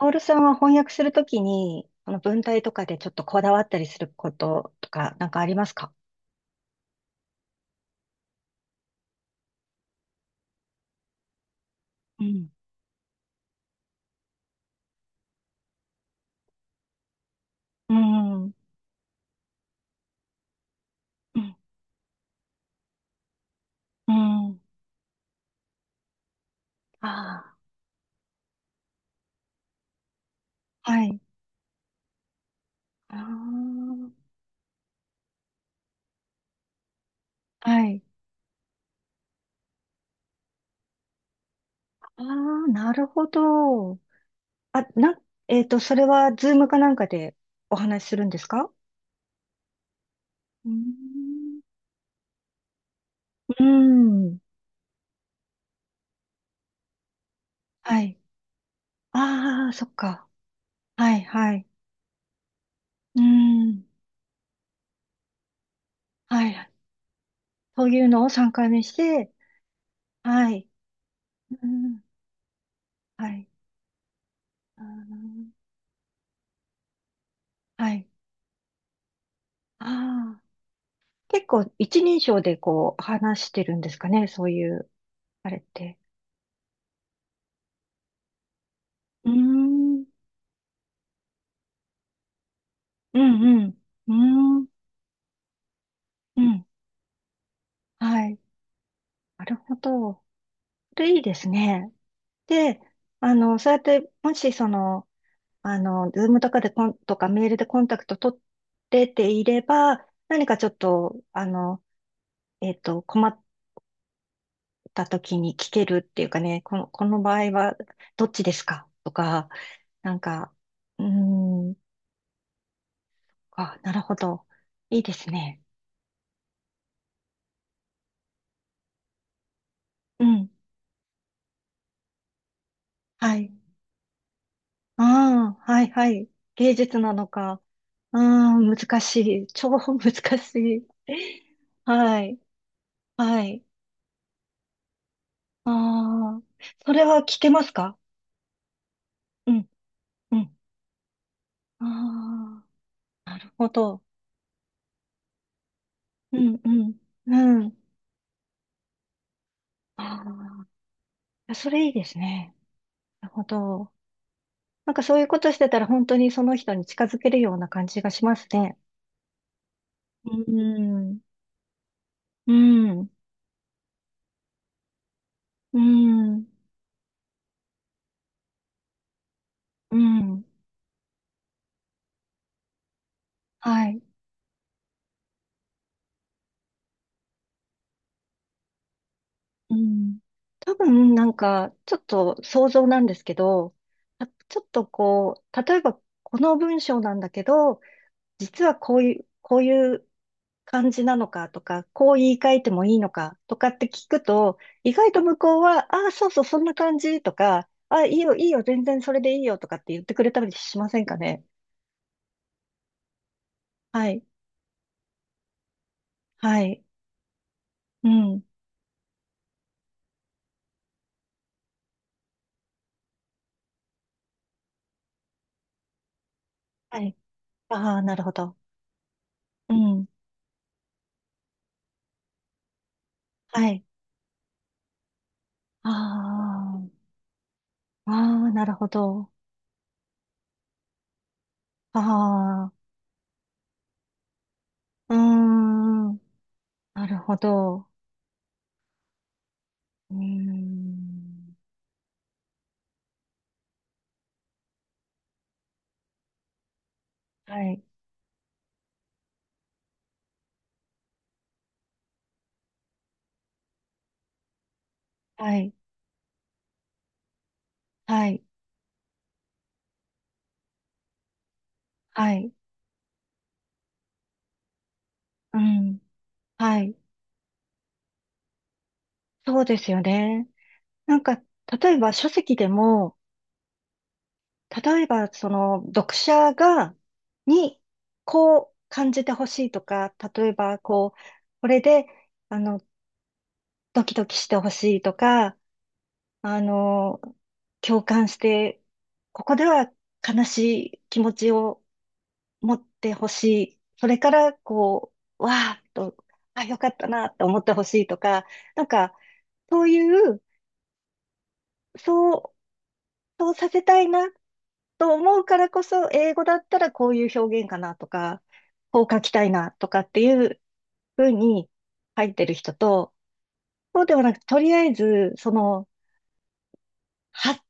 オールさんは翻訳するときに、あの文体とかでちょっとこだわったりすることとか、なんかありますか？うん。うん。うん。うん。ああ、はい。ああ、はい。ああ、なるほど。あ、な、それは、ズームかなんかでお話しするんですか？うーん。うーん。はい。ああ、そっか。はい、はい。うーん。はい。そういうのを3回目して、はい。うん。はい。あー、はい。ああ。結構一人称でこう話してるんですかね、そういう、あれって。うーん。うんうん。うーん。うん。はい。なるほど。それいいですね。で、あの、そうやって、もしその、あの、ズームとかでコン、とかメールでコンタクト取ってていれば、何かちょっと、あの、困った時に聞けるっていうかね、この、この場合はどっちですかとか、なんか、うーん、あ、なるほど。いいですね。うん。はい。ああ、はいはい。芸術なのか。うーん、難しい。超難しい。はい。はい。ああ、それは聞けますか？うん、うん。ああ、なるほど。うん、うん、うん。ああ、それいいですね。なるほど。なんかそういうことしてたら本当にその人に近づけるような感じがしますね。うん。うん、うん、うん、はい。うん。多分なんか、ちょっと想像なんですけど、あちょっとこう、例えばこの文章なんだけど、実はこういう、こういう感じなのかとか、こう言い換えてもいいのかとかって聞くと、意外と向こうは、ああ、そうそう、そんな感じとか、ああ、いいよ、いいよ、全然それでいいよとかって言ってくれたりしませんかね。はい、はい、うん、はい。ああ、なるほど。うん、はい。ああ、ああ、なるほど。ああ、うーん、なるほど。うーん、はい、はい、はい、はい、うん。はい。そうですよね。なんか、例えば書籍でも、例えばその読者が、に、こう感じてほしいとか、例えばこう、これで、あの、ドキドキしてほしいとか、あの、共感して、ここでは悲しい気持ちを持ってほしい。それから、こう、わーっと、あ、よかったなって思ってほしいとか、なんか、そういう、そうそうさせたいなと思うからこそ、英語だったらこういう表現かなとか、こう書きたいなとかっていうふうに書いてる人と、そうではなく、とりあえず、その、は、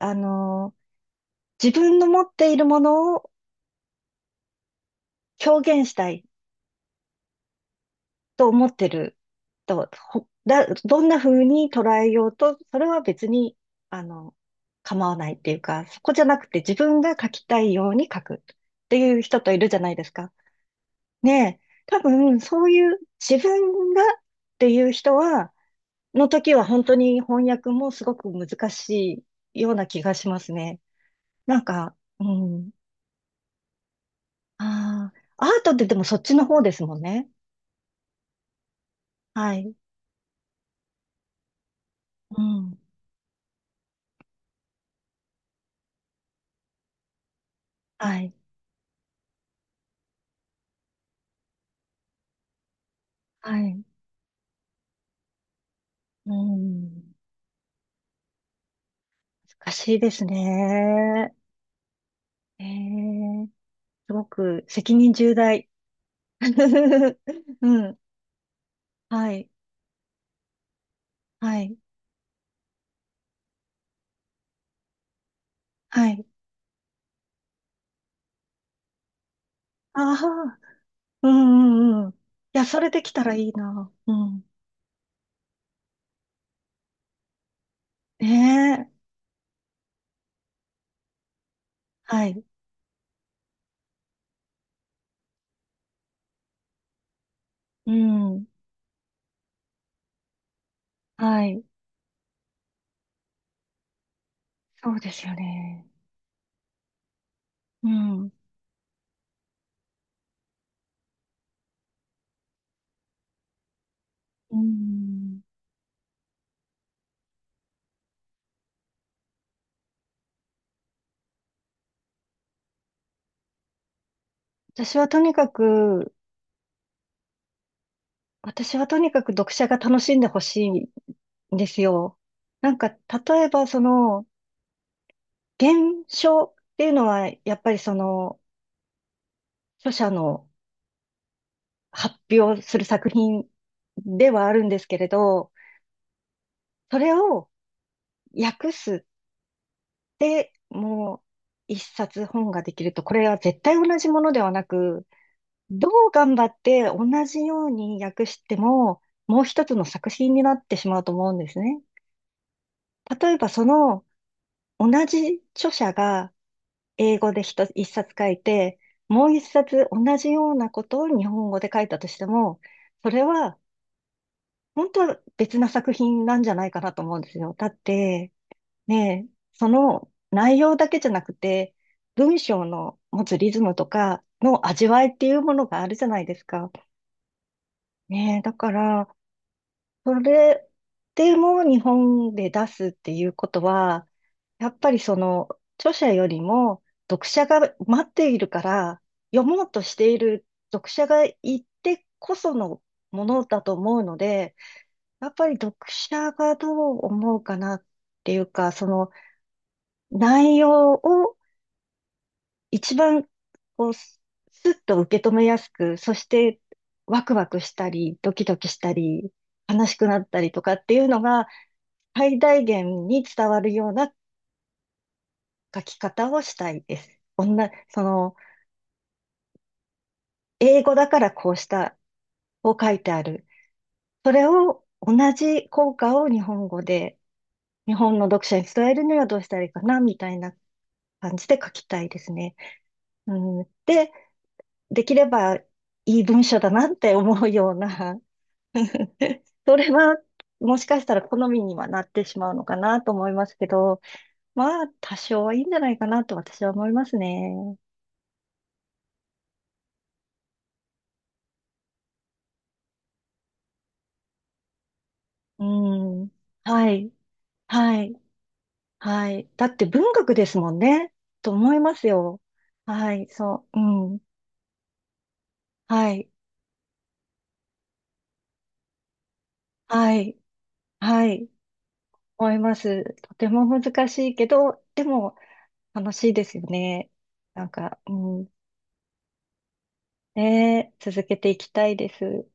あの、自分の持っているものを表現したいと思ってると、ほだ、どんな風に捉えようと、それは別に、あの、構わないっていうか、そこじゃなくて自分が書きたいように書くっていう人といるじゃないですか。ねえ、多分そういう自分がっていう人は、の時は本当に翻訳もすごく難しいような気がしますね。なんか、うん。ああ、アートってでもそっちの方ですもんね。はい。うん。はい。はい。うん。難しいですね。ええ、すごく責任重大。うん。はい。はい。はい。ああ。うんうんうん。いや、それできたらいいな。うん。ねえ。はい。うん。はい。そうですよね。うん。うん。私はとにかく、私はとにかく読者が楽しんでほしいんですよ。なんか、例えばその、原書っていうのは、やっぱりその、著者の発表する作品ではあるんですけれど、それを訳す。で、もう一冊本ができると、これは絶対同じものではなく、どう頑張って同じように訳しても、もう一つの作品になってしまうと思うんですね。例えばその同じ著者が英語で一つ一冊書いて、もう一冊同じようなことを日本語で書いたとしても、それは本当は別な作品なんじゃないかなと思うんですよ。だって、で、その内容だけじゃなくて、文章の持つリズムとかの味わいっていうものがあるじゃないですか。ねえ、だから、それでも日本で出すっていうことは、やっぱりその著者よりも読者が待っているから、読もうとしている読者がいてこそのものだと思うので、やっぱり読者がどう思うかなっていうか、その内容を一番こう、スッと受け止めやすく、そしてワクワクしたり、ドキドキしたり、悲しくなったりとかっていうのが最大限に伝わるような書き方をしたいです。女、その、英語だからこうしたを書いてある。それを同じ効果を日本語で、日本の読者に伝えるにはどうしたらいいかな、みたいな感じで書きたいですね。うん、で、できればいい文章だなって思うような それは、もしかしたら好みにはなってしまうのかなと思いますけど、まあ、多少はいいんじゃないかなと私は思いますね。うん。はい。はい。はい。だって文学ですもんね。と思いますよ。はい。そう。うん。はい。はい。はい。思います。とても難しいけど、でも楽しいですよね。なんか、うん。ねえ、続けていきたいです。